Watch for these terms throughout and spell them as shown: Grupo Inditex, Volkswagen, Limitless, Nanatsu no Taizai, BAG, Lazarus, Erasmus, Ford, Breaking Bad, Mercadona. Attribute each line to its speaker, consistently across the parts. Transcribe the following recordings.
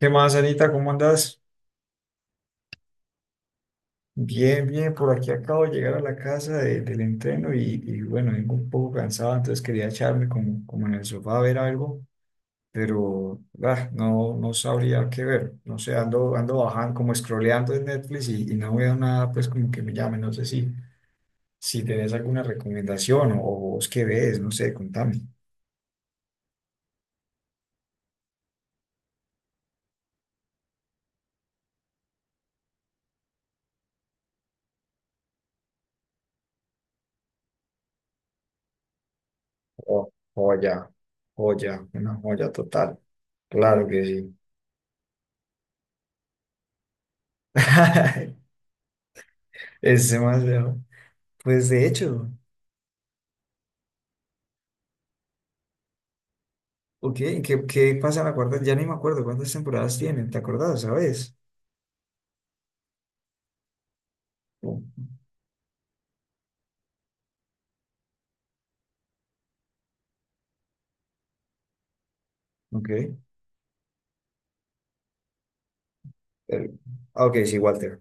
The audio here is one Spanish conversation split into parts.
Speaker 1: ¿Qué más, Anita? ¿Cómo andas? Bien, bien, por aquí acabo de llegar a la casa del entreno y bueno, vengo un poco cansado, entonces quería echarme como en el sofá a ver algo, pero no, no sabría qué ver, no sé, ando bajando, como scrolleando en Netflix y no veo nada, pues como que me llame, no sé si tenés alguna recomendación o vos qué ves, no sé, contame. Oh, joya, joya, una joya total, claro que sí. Ese más veo. Pues de hecho, ok, ¿qué pasa en la cuarta? Ya ni me acuerdo cuántas temporadas tienen, ¿te acordás, sabes? Oh, ok. Eh, ok, sí, Walter.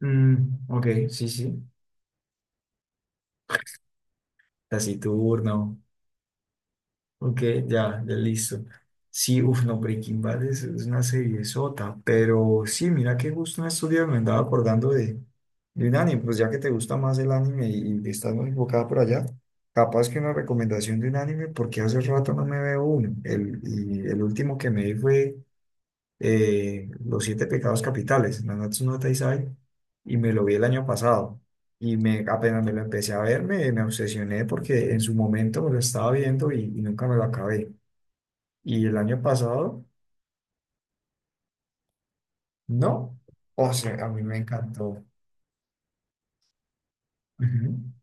Speaker 1: Mm, ok, sí, sí. Taciturno. Ok, ya, ya listo. Sí, uff, no, Breaking Bad es una serie sota, pero sí, mira que justo en estos días me andaba acordando de un anime, pues ya que te gusta más el anime y estás muy enfocada por allá, capaz que una recomendación de un anime, porque hace rato no me veo uno. Y el último que me vi fue Los siete pecados capitales, Nanatsu no Taizai, y me lo vi el año pasado. Apenas me lo empecé a ver, me obsesioné porque en su momento me lo estaba viendo y nunca me lo acabé. Y el año pasado, no. O sea, a mí me encantó. Ujú.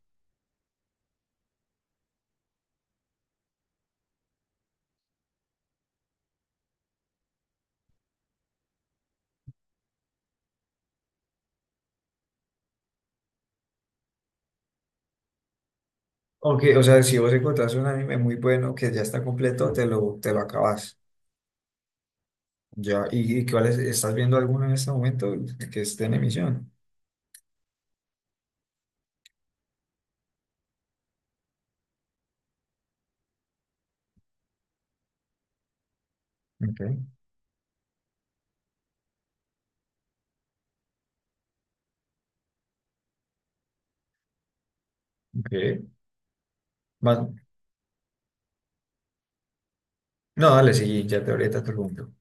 Speaker 1: Ok, o sea, si vos encontrás un anime muy bueno que ya está completo, te lo acabas. Ya, ¿y cuál estás viendo alguno en este momento que esté en emisión? Ok, ok. Más- no, dale, sí, ya te ahorita te pregunto.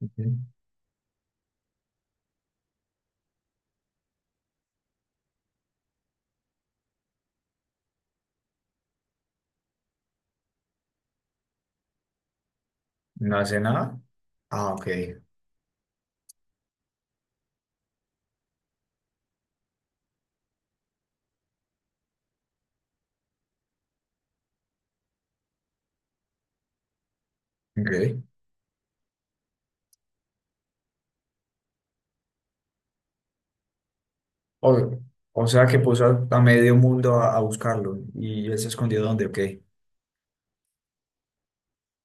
Speaker 1: Ok. No hace nada. Ah, ok. Ok. O, o sea que puso a medio mundo a buscarlo y él se escondió donde, ok.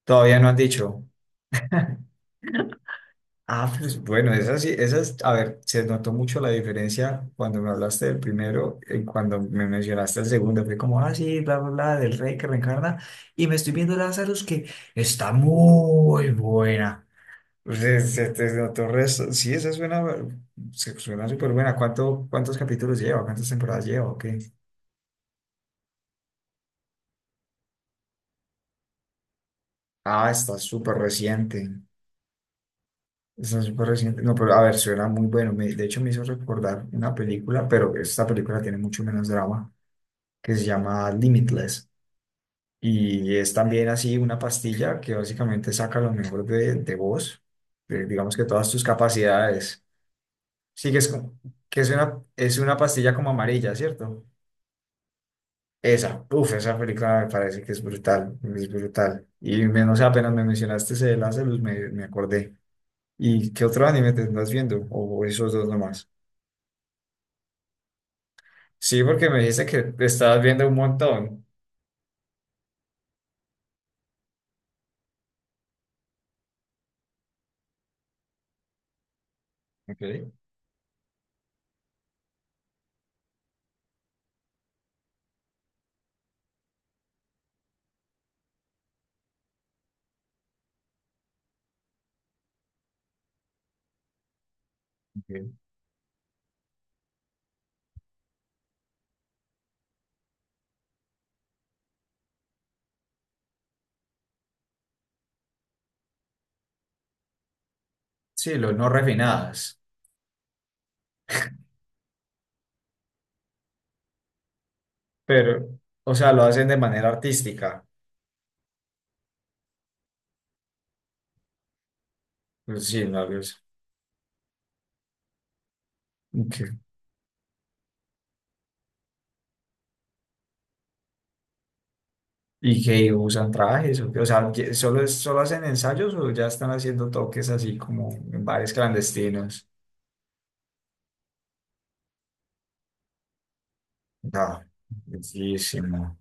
Speaker 1: Todavía no han dicho. Ah, pues bueno, esa sí, esa es, a ver, se notó mucho la diferencia cuando me hablaste del primero y cuando me mencionaste el segundo. Fue como, ah, sí, bla, bla, bla, del rey que reencarna. Y me estoy viendo Lazarus que está muy buena. Se notó resto. Sí, esa suena, suena súper buena. ¿Cuántos capítulos lleva? ¿Cuántas temporadas lleva? Ok. Ah, está súper reciente. Está súper reciente. No, pero a ver, suena muy bueno. De hecho, me hizo recordar una película, pero esta película tiene mucho menos drama, que se llama Limitless. Y es también así una pastilla que básicamente saca lo mejor de vos, digamos que todas tus capacidades. Sí, que es, es una pastilla como amarilla, ¿cierto? Esa, uff, esa película me parece que es brutal, es brutal. Y menos apenas me mencionaste ese de Lazarus, me acordé. ¿Y qué otro anime te estás viendo? O esos dos nomás. Sí, porque me dijiste que te estabas viendo un montón. Ok, ok. Sí, los no refinadas. Pero, o sea, lo hacen de manera artística. Pues sí, no, ok. ¿Y que usan trajes? ¿O qué? O sea, ¿que ¿ solo hacen ensayos o ya están haciendo toques así como en bares clandestinos? No, bellísimo.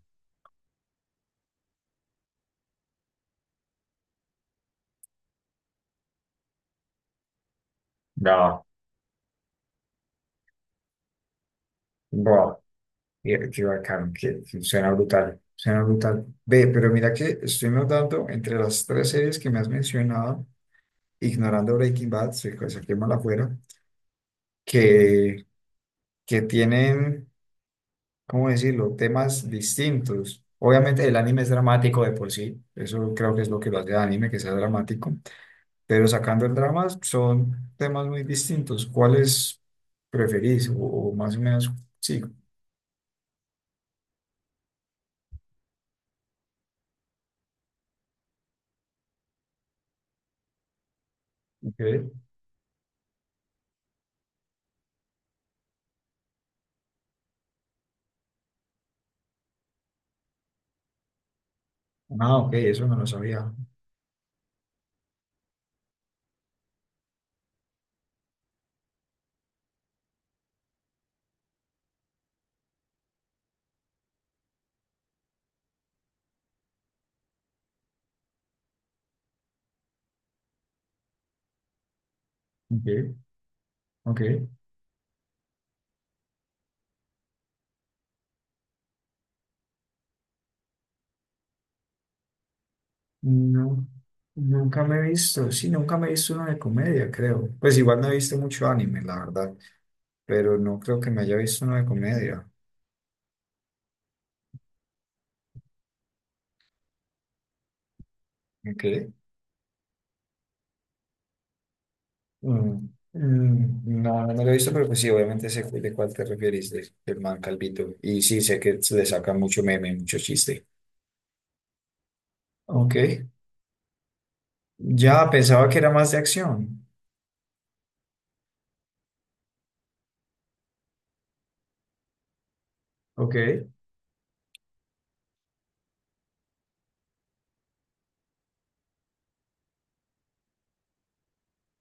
Speaker 1: No, mira, qué bacán, que suena brutal, suena brutal. Ve, pero mira que estoy notando entre las tres series que me has mencionado, ignorando Breaking Bad, saquémosla afuera, que, que tienen, ¿cómo decirlo?, temas distintos. Obviamente el anime es dramático de por sí, eso creo que es lo que lo hace el anime, que sea dramático, pero sacando el drama son temas muy distintos. ¿Cuáles preferís? O más o menos, sí, ok. Ah, ok, eso no lo sabía. Ok, ok. No, nunca me he visto, sí, nunca me he visto uno de comedia, creo. Pues igual no he visto mucho anime, la verdad, pero no creo que me haya visto uno de comedia. Ok. Mm, mm, no, no me lo he visto, pero pues sí, obviamente sé de cuál te refieres, del man Calvito. Y sí, sé que se le saca mucho meme, mucho chiste. Ok. Ya pensaba que era más de acción. Ok.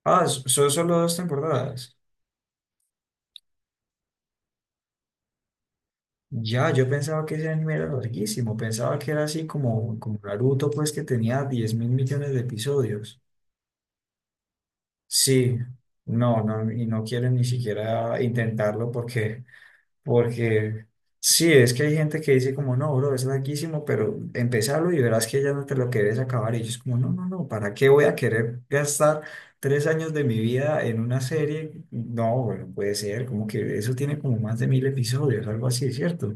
Speaker 1: Ah, son solo dos temporadas. Ya, yo pensaba que ese anime era larguísimo, pensaba que era así como Naruto, pues que tenía 10.000 millones de episodios. Sí, no, no, y no quiero ni siquiera intentarlo porque sí, es que hay gente que dice como, no, bro, es larguísimo, pero empezarlo y verás que ya no te lo querés acabar. Y yo es como, no, no, no, ¿para qué voy a querer gastar 3 años de mi vida en una serie? No, bueno, puede ser, como que eso tiene como más de 1.000 episodios, algo así, ¿cierto?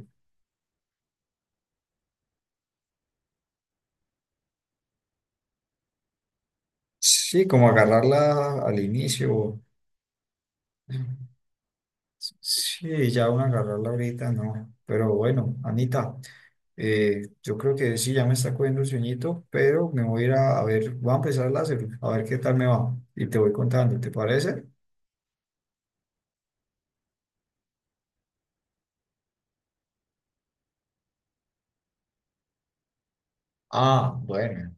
Speaker 1: Sí, como agarrarla al inicio. Sí, ya una agarrarla ahorita, no. Pero bueno, Anita, yo creo que sí, ya me está cogiendo el sueñito, pero me voy a ir a ver, voy a empezar a láser, a ver qué tal me va. Y te voy contando, ¿te parece? Ah, bueno,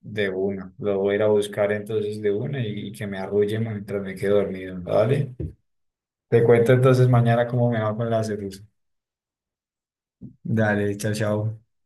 Speaker 1: de una. Lo voy a ir a buscar entonces de una y que me arrulle mientras me quedo dormido, ¿vale? Te cuento entonces mañana cómo me va con la láser. Dale, chao, chao.